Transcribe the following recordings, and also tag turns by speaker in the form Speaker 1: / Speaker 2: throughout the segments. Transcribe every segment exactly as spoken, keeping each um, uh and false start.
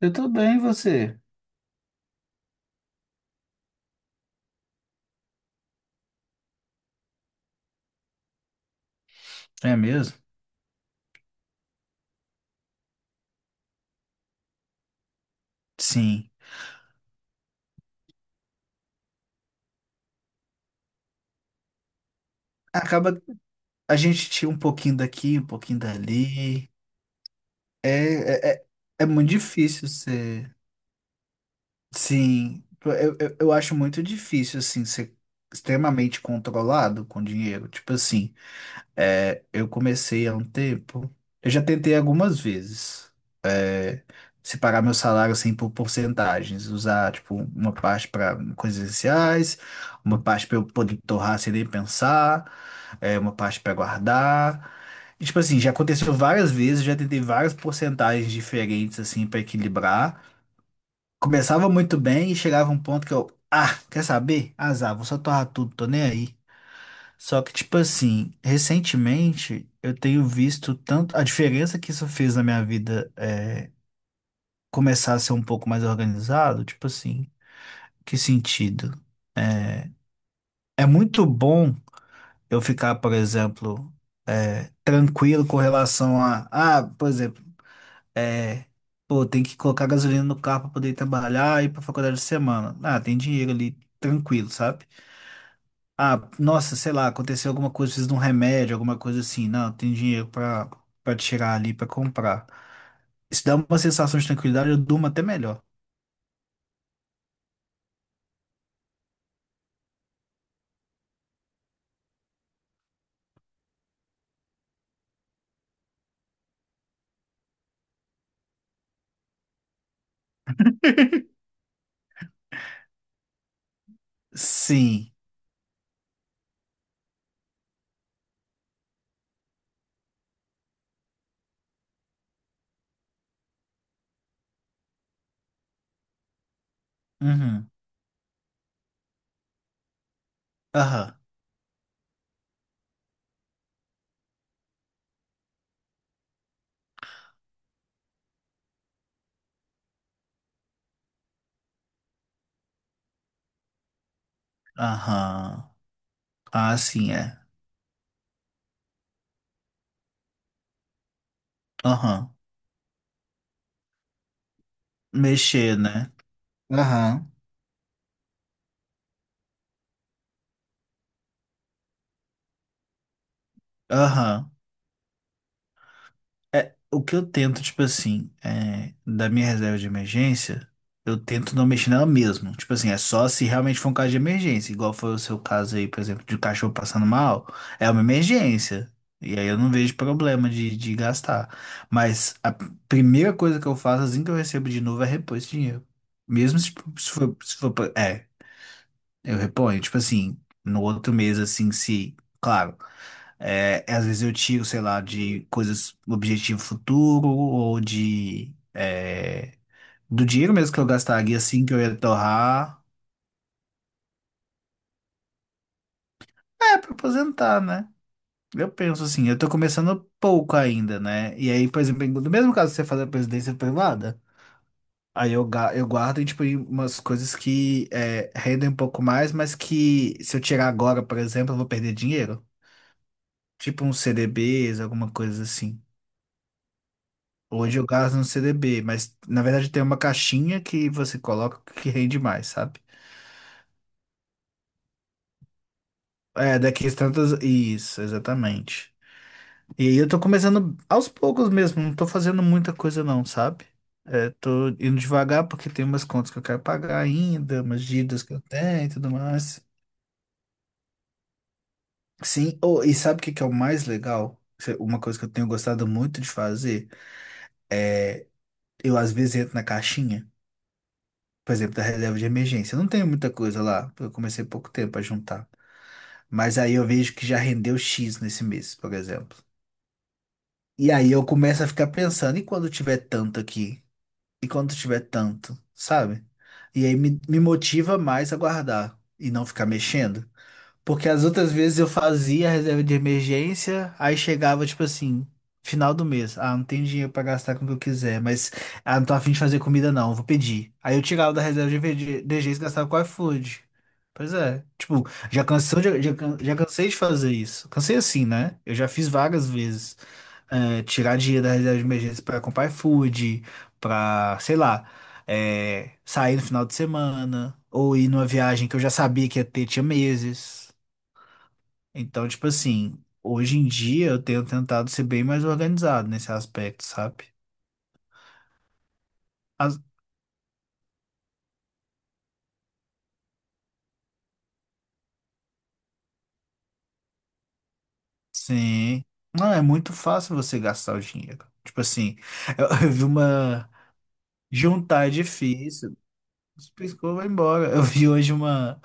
Speaker 1: Eu tô bem, e você? É mesmo? Sim. Acaba a gente tira um pouquinho daqui, um pouquinho dali. É, é, é, é muito difícil ser. Sim. Eu, eu, eu acho muito difícil, assim, ser extremamente controlado com dinheiro. Tipo assim, é, eu comecei há um tempo. Eu já tentei algumas vezes separar meu salário assim por porcentagens, usar tipo uma parte para coisas essenciais, uma parte para eu poder torrar sem nem pensar, é, uma parte para guardar. E, tipo assim, já aconteceu várias vezes, já tentei várias porcentagens diferentes assim para equilibrar. Começava muito bem e chegava um ponto que eu, ah, quer saber? Azar, vou só torrar tudo, tô nem aí. Só que, tipo assim, recentemente eu tenho visto tanto a diferença que isso fez na minha vida, é, começar a ser um pouco mais organizado? Tipo assim, que sentido? É muito bom eu ficar, por exemplo, é, tranquilo com relação a, ah, por exemplo, é, pô, tem que colocar gasolina no carro para poder ir trabalhar e ir para faculdade de semana. Ah, tem dinheiro ali, tranquilo, sabe? Ah, nossa, sei lá, aconteceu alguma coisa, preciso de um remédio, alguma coisa assim. Não, tem dinheiro para para tirar ali, para comprar. Isso dá uma sensação de tranquilidade, eu durmo até melhor. Sim. Uhum. Aham. Aham. Ah, sim, é. Aham. Mexer, né? Aham. Aham. É, o que eu tento, tipo assim, é, da minha reserva de emergência, eu tento não mexer nela mesmo. Tipo assim, é só se realmente for um caso de emergência. Igual foi o seu caso aí, por exemplo, de cachorro passando mal. É uma emergência. E aí eu não vejo problema de, de gastar. Mas a primeira coisa que eu faço assim que eu recebo de novo é repor esse dinheiro. Mesmo se, se for, se for, pra- é, eu reponho, tipo assim, no outro mês, assim, se, claro, é, às vezes eu tiro, sei lá, de coisas, objetivo futuro, ou de, é, do dinheiro mesmo que eu gastaria, assim, que eu ia torrar, é, pra aposentar, né? Eu penso assim, eu tô começando pouco ainda, né? E aí, por exemplo, no mesmo caso que você faz a presidência privada, aí eu, ga- eu guardo, tipo, em umas coisas que é, rendem um pouco mais, mas que se eu tirar agora, por exemplo, eu vou perder dinheiro. Tipo uns C D Bs, alguma coisa assim. Hoje eu gasto no C D B, mas na verdade tem uma caixinha que você coloca que rende mais, sabe? É, daqui a tantas. Isso, exatamente. E aí eu tô começando aos poucos mesmo, não tô fazendo muita coisa não, sabe? É, tô indo devagar porque tem umas contas que eu quero pagar ainda, umas dívidas que eu tenho e tudo mais. Sim, oh, e sabe o que que é o mais legal? Se- Uma coisa que eu tenho gostado muito de fazer, eu às vezes entro na caixinha, por exemplo, da reserva de emergência. Não tenho muita coisa lá, porque eu comecei há pouco tempo a juntar. Mas aí eu vejo que já rendeu X nesse mês, por exemplo. E aí eu começo a ficar pensando, e quando tiver tanto aqui? E quando tiver tanto, sabe? E aí me, me motiva mais a guardar e não ficar mexendo. Porque as outras vezes eu fazia a reserva de emergência, aí chegava, tipo assim, final do mês. Ah, não tem dinheiro pra gastar com o que eu quiser, mas ah, não tô afim de fazer comida não, vou pedir. Aí eu tirava da reserva de emerg- emergência e gastava com o iFood. Pois é, tipo, já cansou de- já, can- já cansei de fazer isso. Cansei assim, né? Eu já fiz várias vezes. É, tirar dinheiro da reserva de emergência pra comprar iFood, pra, sei lá, é, sair no final de semana, ou ir numa viagem que eu já sabia que ia ter, tinha meses. Então, tipo assim, hoje em dia eu tenho tentado ser bem mais organizado nesse aspecto, sabe? As- Sim. Não, é muito fácil você gastar o dinheiro. Tipo assim, eu, eu vi uma. Juntar é difícil. Piscou, vai embora. Eu vi hoje uma,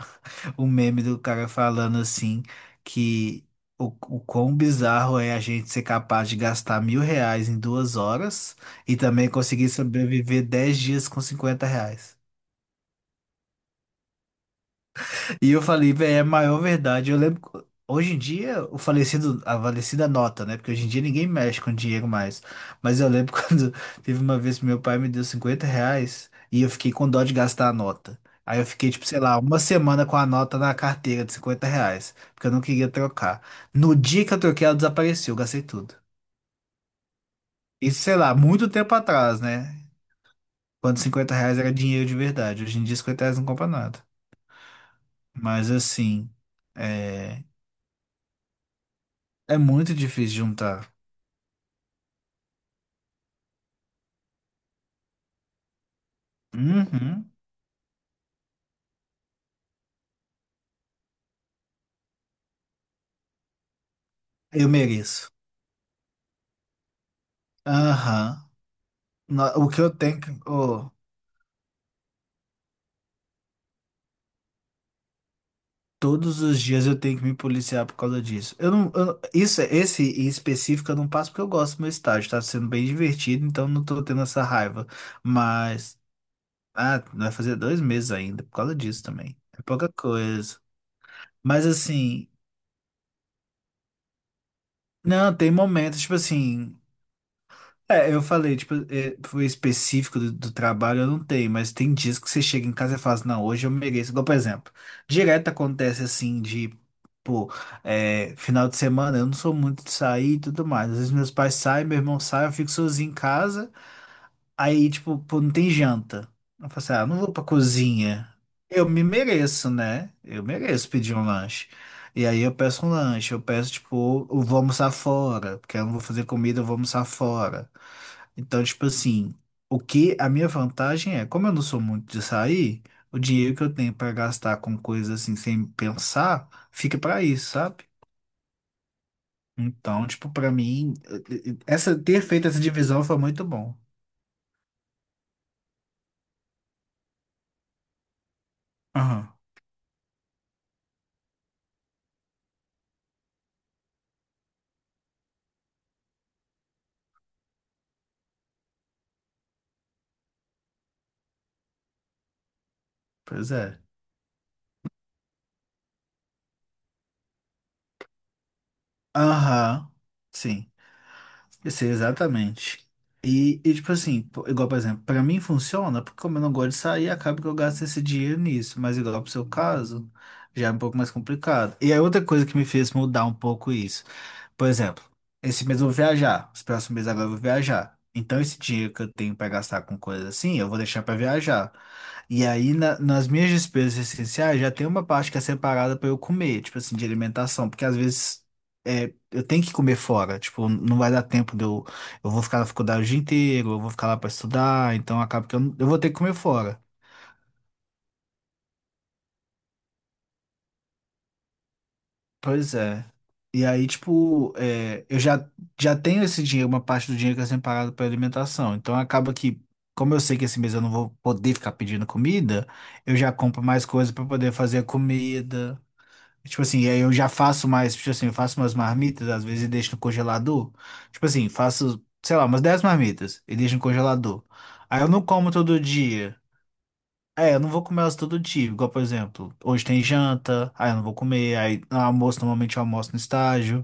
Speaker 1: um meme do cara falando assim que o, o quão bizarro é a gente ser capaz de gastar mil reais em duas horas e também conseguir sobreviver dez dias com cinquenta reais. E eu falei, velho, é a maior verdade. Eu lembro. Que Hoje em dia, o falecido, a falecida nota, né? Porque hoje em dia ninguém mexe com dinheiro mais. Mas eu lembro quando teve uma vez que meu pai me deu cinquenta reais e eu fiquei com dó de gastar a nota. Aí eu fiquei, tipo, sei lá, uma semana com a nota na carteira de cinquenta reais, porque eu não queria trocar. No dia que eu troquei, ela desapareceu, eu gastei tudo. Isso, sei lá, muito tempo atrás, né? Quando cinquenta reais era dinheiro de verdade. Hoje em dia, cinquenta reais não compra nada. Mas assim, é, é muito difícil juntar. Uhum. Eu mereço. Aham. No- O que eu tenho que. Ô, todos os dias eu tenho que me policiar por causa disso. Eu não. eu- Isso, esse em específico eu não passo porque eu gosto do meu estágio. Tá sendo bem divertido, então não tô tendo essa raiva. Mas, ah, vai fazer dois meses ainda por causa disso também. É pouca coisa. Mas assim, não, tem momentos, tipo assim. É, eu falei, tipo, é, foi específico do, do trabalho, eu não tenho, mas tem dias que você chega em casa e fala assim, não, hoje eu mereço. Igual, por exemplo, direto acontece assim de, pô, é, final de semana, eu não sou muito de sair e tudo mais. Às vezes meus pais saem, meu irmão sai, eu fico sozinho em casa, aí, tipo, pô, não tem janta. Eu falo assim, ah, não vou pra cozinha. Eu me mereço, né? Eu mereço pedir um lanche. E aí eu peço um lanche, eu peço, tipo, eu vou almoçar fora, porque eu não vou fazer comida, eu vou almoçar fora. Então, tipo assim, o que a minha vantagem é, como eu não sou muito de sair, o dinheiro que eu tenho pra gastar com coisas assim sem pensar, fica pra isso, sabe? Então, tipo, pra mim, essa ter feito essa divisão foi muito bom. Aham, pois é. Aham, sim, eu sei exatamente. E, e, tipo assim, pô, igual, por exemplo, pra mim funciona, porque como eu não gosto de sair, acaba que eu gasto esse dinheiro nisso, mas igual pro seu caso, já é um pouco mais complicado. E aí outra coisa que me fez mudar um pouco isso. Por exemplo, esse mês eu vou viajar, os próximos meses agora eu vou viajar. Então, esse dinheiro que eu tenho para gastar com coisas assim, eu vou deixar para viajar. E aí, na- nas minhas despesas essenciais, já tem uma parte que é separada para eu comer, tipo assim, de alimentação, porque às vezes é, eu tenho que comer fora, tipo, não vai dar tempo de eu. Eu vou ficar na faculdade o dia inteiro, eu vou ficar lá para estudar, então acaba que eu, não- eu vou ter que comer fora. Pois é. E aí, tipo, é, eu já, já tenho esse dinheiro, uma parte do dinheiro que é separado para alimentação. Então acaba que, como eu sei que esse mês eu não vou poder ficar pedindo comida, eu já compro mais coisas para poder fazer a comida. Tipo assim, e aí eu já faço mais, tipo assim, eu faço umas marmitas, às vezes e deixo no congelador. Tipo assim, faço, sei lá, umas dez marmitas e deixo no congelador. Aí eu não como todo dia. É, eu não vou comer elas todo dia. Igual, por exemplo, hoje tem janta, aí eu não vou comer, aí no almoço, normalmente eu almoço no estágio.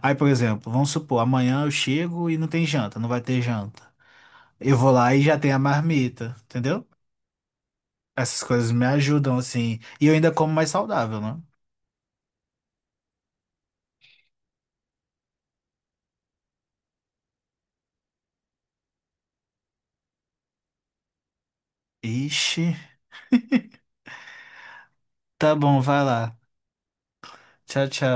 Speaker 1: Aí, por exemplo, vamos supor, amanhã eu chego e não tem janta, não vai ter janta. Eu vou lá e já tem a marmita, entendeu? Essas coisas me ajudam, assim. E eu ainda como mais saudável, né? Ixi, tá bom, vai lá. Tchau, tchau.